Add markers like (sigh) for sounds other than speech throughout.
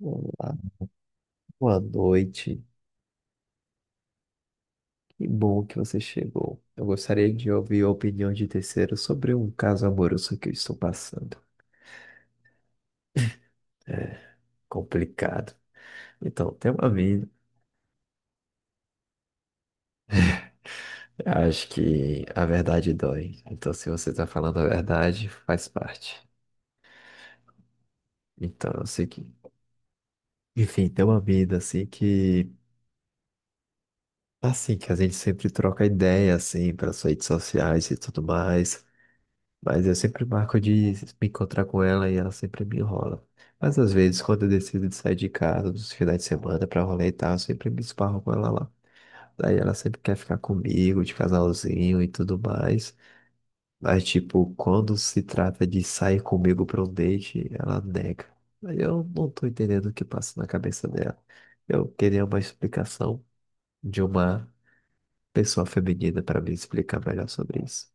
Olá, boa noite. Que bom que você chegou. Eu gostaria de ouvir a opinião de terceiro sobre um caso amoroso que eu estou passando. Complicado. Então, tem uma mina. Acho que a verdade dói. Então, se você está falando a verdade, faz parte. Então, eu sei que. Enfim, tem uma mina assim que. Assim, que a gente sempre troca ideia, assim, pelas redes sociais e tudo mais. Mas eu sempre marco de me encontrar com ela e ela sempre me enrola. Mas às vezes, quando eu decido de sair de casa nos finais de semana pra rolê e tal, eu sempre me esparro com ela lá. Daí ela sempre quer ficar comigo, de casalzinho e tudo mais. Mas, tipo, quando se trata de sair comigo pra um date, ela nega. Aí eu não tô entendendo o que passa na cabeça dela. Eu queria uma explicação de uma pessoa feminina pra me explicar melhor sobre isso.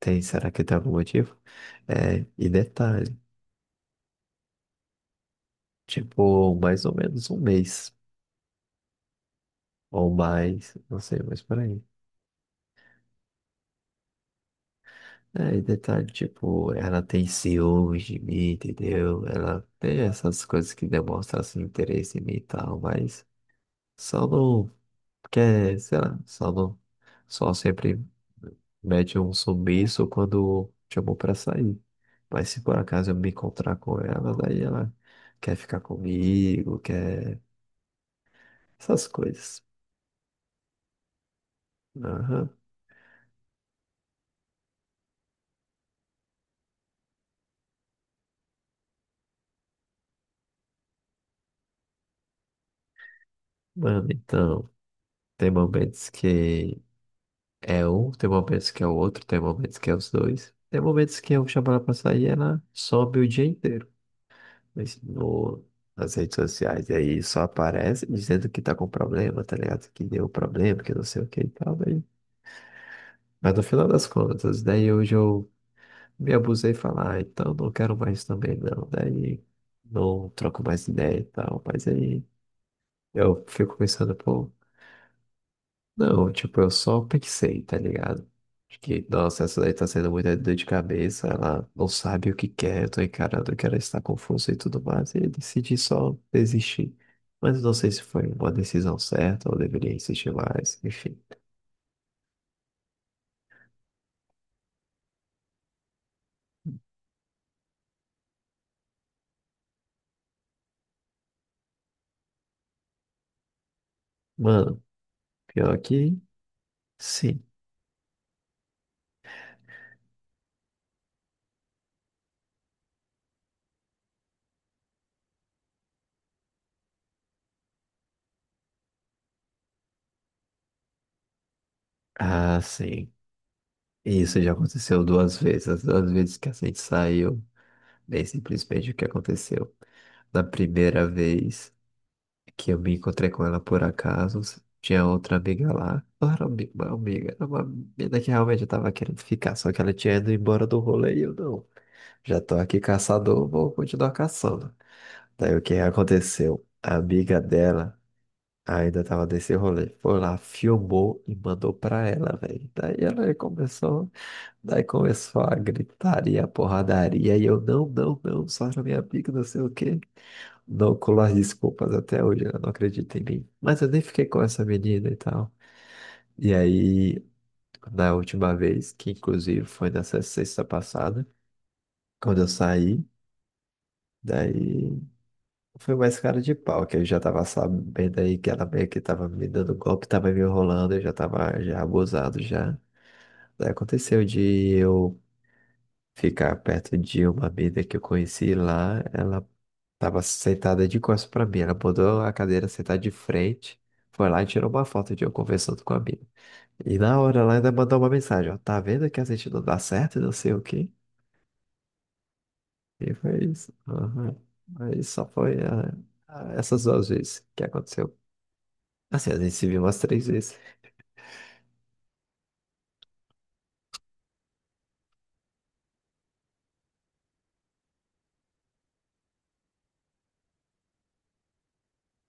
Tem, será que tem algum motivo? É, e detalhe. Tipo, mais ou menos um mês. Ou mais, não sei, mas por aí. É, e detalhe, tipo, ela tem ciúmes de mim, entendeu? Ela tem essas coisas que demonstram, assim, interesse em mim e tal, mas só não quer, sei lá, só não, só sempre mete um sumiço quando chamou pra sair. Mas se por acaso eu me encontrar com ela, daí ela quer ficar comigo, quer essas coisas. Aham. Mano, então. Tem momentos que é um, tem momentos que é o outro, tem momentos que é os dois. Tem momentos que eu chamo ela pra sair e ela sobe o dia inteiro. Mas no, nas redes sociais, e aí só aparece dizendo que tá com problema, tá ligado? Que deu problema, que não sei o que e tal. Mas no final das contas, daí hoje eu me abusei e falar, ah, então não quero mais também não. Daí não troco mais ideia e tal. Mas aí eu fico pensando, pô. Não, tipo, eu só pensei, tá ligado? Acho que, nossa, essa daí tá sendo muita dor de cabeça, ela não sabe o que quer, eu tô encarando que ela está confusa e tudo mais, e eu decidi só desistir. Mas não sei se foi uma decisão certa ou deveria insistir mais, enfim. Mano, pior que sim. Ah, sim. Isso já aconteceu duas vezes, as duas vezes que a gente saiu, bem simplesmente o que aconteceu. Na primeira vez que eu me encontrei com ela por acaso. Tinha outra amiga lá. Não era uma amiga, era uma menina que realmente eu tava querendo ficar, só que ela tinha ido embora do rolê e eu não. Já tô aqui caçador, vou continuar caçando. Daí o que aconteceu? A amiga dela ainda tava nesse rolê. Foi lá, filmou e mandou pra ela, velho. Daí começou a gritaria, a porradaria, e eu, não, não, não, só era minha amiga, não sei o quê não colar desculpas até hoje, ela não acredita em mim. Mas eu nem fiquei com essa menina e tal. E aí, na última vez, que inclusive foi nessa sexta passada, quando eu saí, daí foi mais cara de pau, que eu já tava sabendo aí que ela meio que tava me dando golpe, tava me enrolando, eu já tava já abusado já. Daí aconteceu de eu ficar perto de uma mina que eu conheci lá, ela tava sentada de costas pra mim. Ela botou a cadeira sentada de frente. Foi lá e tirou uma foto de eu conversando com a mina. E na hora ela ainda mandou uma mensagem, ó. Tá vendo que a gente não dá certo e não sei o quê? E foi isso. Aham. Aí só foi ah, ah, essas duas vezes que aconteceu. Assim, a gente se viu umas três vezes.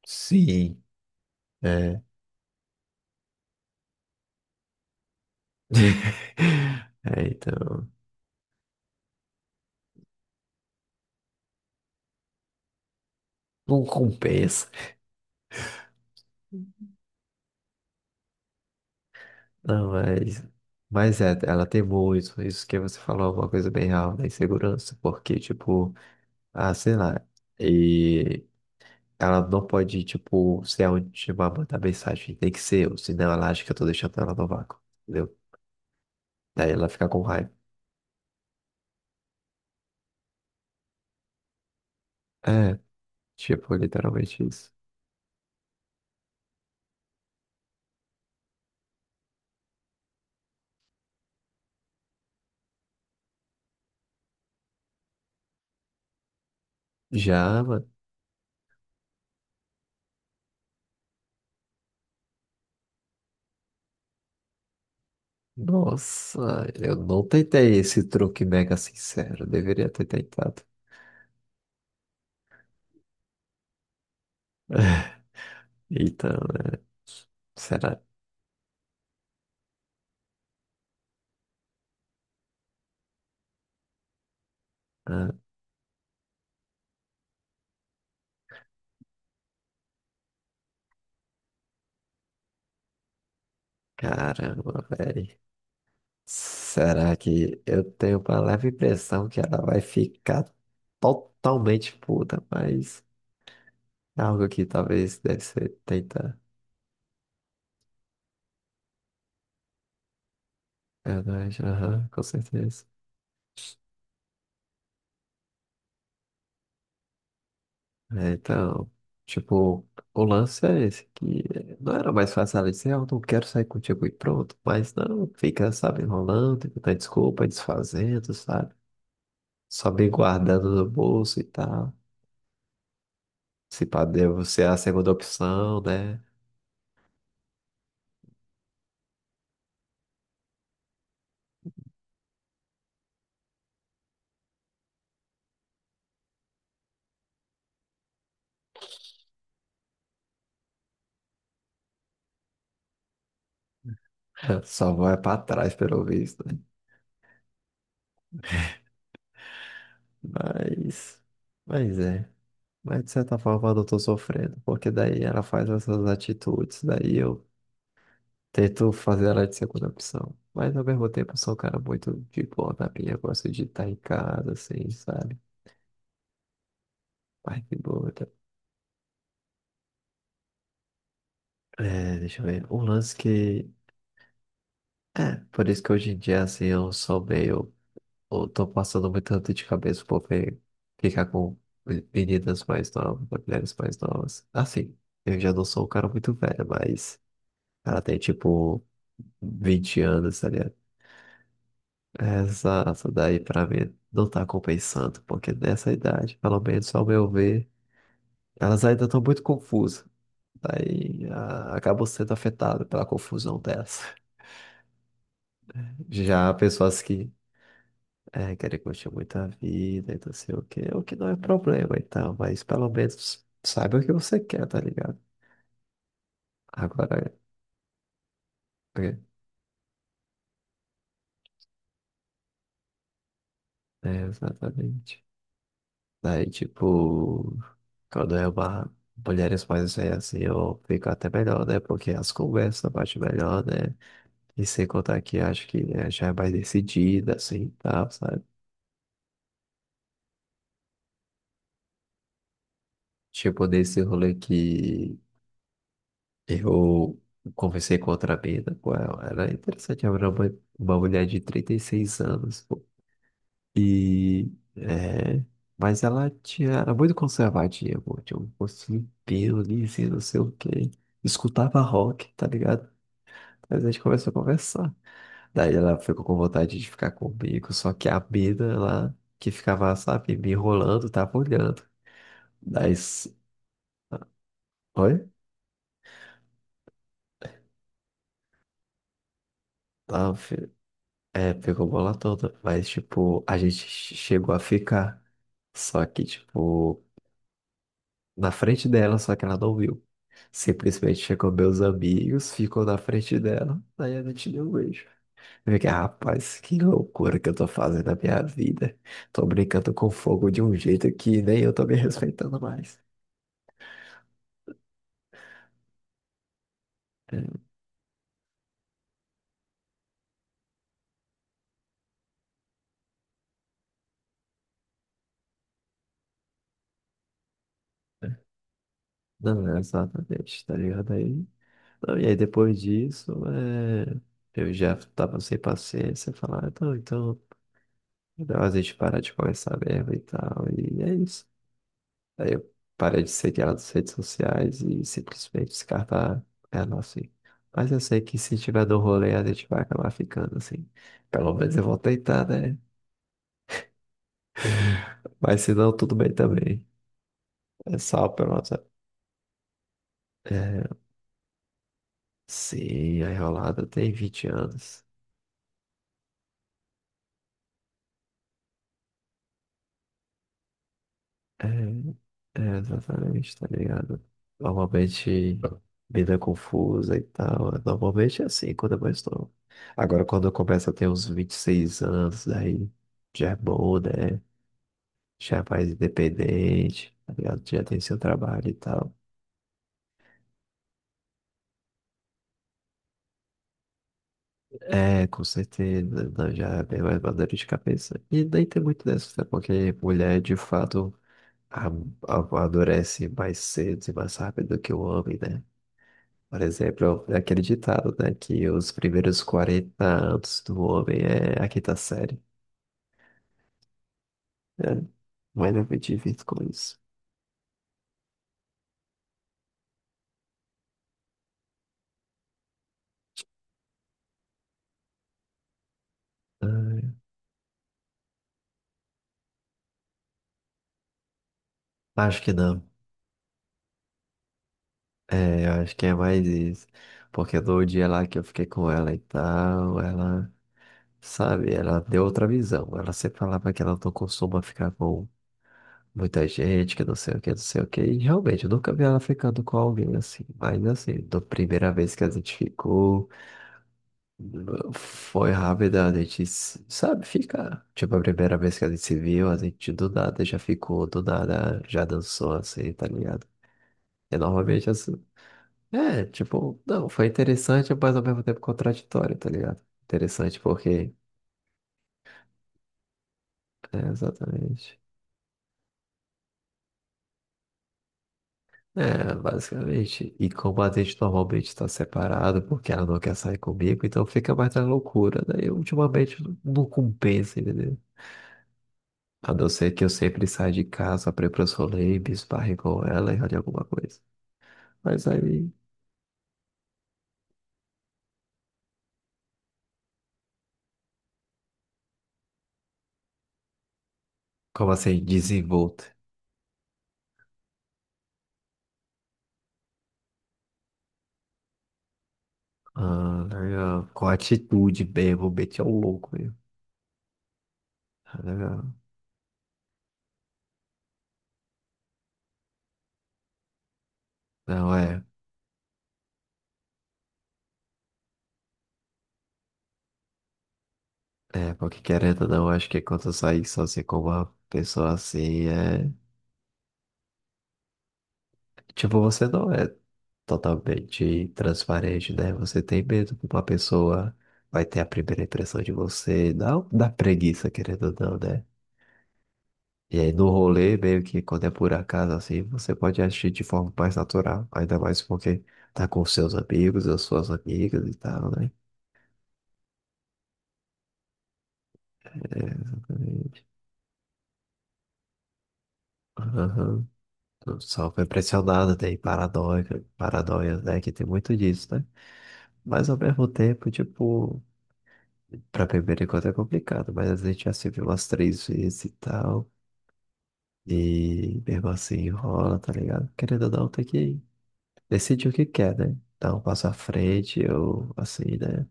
Sim, é. (laughs) É, então. Não compensa. Não, mas. Mas é, ela tem muito. Isso que você falou é uma coisa bem real da insegurança. Porque, tipo. Ah, sei lá. E ela não pode, tipo, ser a última a mandar mensagem. Tem que ser eu, senão ela acha que eu tô deixando ela no vácuo. Entendeu? Daí ela fica com raiva. É, tipo, literalmente isso. Já, mano. Nossa, eu não tentei esse truque mega sincero. Deveria ter tentado. Então, né? Será? Ah, caramba, velho. Será que eu tenho uma leve impressão que ela vai ficar totalmente puta, mas. Algo que talvez deve ser tentar. Verdade, aham, com certeza. É, então, tipo, o lance é esse, que não era mais fácil ela dizer, eu não quero sair contigo e pronto, mas não, fica, sabe, enrolando, tentando desculpa, desfazendo, sabe? Só bem guardando no bolso e tal. Se pá, deu você é a segunda opção, né? (laughs) Só vai pra trás, pelo visto, né? Mas, mas é. Mas de certa forma eu não tô sofrendo, porque daí ela faz essas atitudes, daí eu tento fazer ela de segunda opção. Mas ao mesmo tempo, eu sou um cara muito de boa na minha. Eu gosto de estar em casa, assim, sabe? Mas de boa. Tá? É, deixa eu ver. Um lance que. Por isso que hoje em dia, assim, eu sou meio. Eu tô passando muito dor de cabeça por ficar com meninas mais novas, com mulheres mais novas. Assim, eu já não sou um cara muito velho, mas. Ela tem tipo 20 anos, tá. Exato, daí pra mim não tá compensando, porque nessa idade, pelo menos ao meu ver, elas ainda estão muito confusas. Daí ah, acabam sendo afetadas pela confusão delas. (laughs) Já pessoas que é, querem curtir muito a vida e não sei o quê, o que não é problema então, mas pelo menos saiba o que você quer, tá ligado? Agora, é, é, exatamente. Daí, tipo, quando é uma mulheres mais velhas assim, eu fico até melhor, né? Porque as conversas batem melhor, né? E sem contar que acho que né, já é mais decidida, assim, tá tal, sabe? Tipo, nesse rolê que eu conversei com outra mina, com ela, era interessante, ela era uma mulher de 36 anos, pô. E, é... Mas ela tinha, era muito conservadinha, pô. Tinha um rostinho limpinho, lisinho, não sei o quê escutava rock, tá ligado? Mas a gente começou a conversar. Daí ela ficou com vontade de ficar comigo, só que a mina lá que ficava, sabe, me enrolando, tava olhando. Daí. s- Oi? Tá, é, pegou bola toda. Mas, tipo, a gente chegou a ficar. Só que, tipo, na frente dela, só que ela não viu. Simplesmente chegou meus amigos, ficou na frente dela. Daí a gente deu um beijo. Eu fiquei, rapaz, que loucura que eu tô fazendo na minha vida. Tô brincando com fogo de um jeito que nem eu tô me respeitando mais. Não, é exatamente, tá ligado aí? Não, e aí depois disso, é, eu já tava sem paciência, falar, "Ah, então, melhor a gente parar de conversar mesmo e tal, e é isso. Aí eu parei de seguir ela nas redes sociais e simplesmente descartar ela assim. Mas eu sei que se tiver no rolê, a gente vai acabar ficando assim. Pelo menos eu vou tentar, né? Mas se não, tudo bem também. É só pelo menos. É, sim, a enrolada tem 20 anos. É, é, exatamente, tá ligado? Normalmente, vida confusa e tal. Normalmente é assim quando eu mais novo. Agora, quando eu começo a ter uns 26 anos, daí já é bom, né? Já é mais independente, tá ligado? Já tem seu trabalho e tal. É, com certeza, não, já é bem mais maduro de cabeça. E nem tem muito dessa, né? Porque mulher, de fato. a- Amadurece mais cedo e mais rápido que o homem, né? Por exemplo, é aquele ditado, né? Que os primeiros 40 anos do homem é a quinta série. Né? Mas eu me divirto com isso. Ah, acho que não. É, eu acho que é mais isso. Porque no dia lá que eu fiquei com ela e tal, ela, sabe, ela deu outra visão. Ela sempre falava que ela não costuma ficar com muita gente que não sei o que, não sei o que. E realmente, eu nunca vi ela ficando com alguém assim. Mas assim, da primeira vez que a gente ficou, foi rápida, a gente, sabe, fica. Tipo, a primeira vez que a gente se viu, a gente do nada já ficou, do nada já dançou assim, tá ligado? E normalmente assim, é, tipo, não, foi interessante, mas ao mesmo tempo contraditório, tá ligado? Interessante porque, é, exatamente. É, basicamente. E como a gente normalmente está separado, porque ela não quer sair comigo, então fica mais na loucura. Daí ultimamente não compensa, entendeu? A não ser que eu sempre saia de casa para ir para os rolês, me esbarre com ela e rode alguma coisa. Mas aí, como assim, desenvolto? Ah, legal. Com atitude mesmo, meti ao louco mesmo. Ah, legal. Não, é. É, porque querendo ou não, acho que quando eu saí sozinho com uma pessoa assim, é. Tipo, você não é totalmente transparente, né? Você tem medo que uma pessoa vai ter a primeira impressão de você, não da preguiça, querendo ou não, né? E aí no rolê, meio que quando é por acaso, assim, você pode agir de forma mais natural, ainda mais porque tá com seus amigos as suas amigas e tal, né? É, exatamente. Aham. Só foi pressionado, tem paranoia, né? Que tem muito disso, né? Mas ao mesmo tempo, tipo. Pra primeiro encontro é complicado, mas a gente já se viu umas três vezes e tal. E mesmo assim enrola, tá ligado? Querendo ou não, tem que decidir o que quer, né? Dar um passo à frente ou assim, né?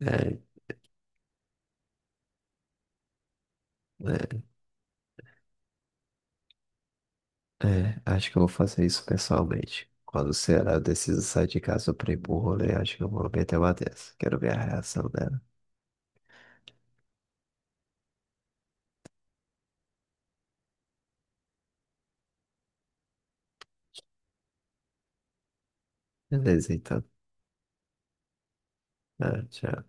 É, é, acho que eu vou fazer isso pessoalmente. Quando será, eu decido sair de casa pra ir pro rolê, acho que eu vou meter uma dessa. Quero ver a reação dela. Beleza, então. É, tchau.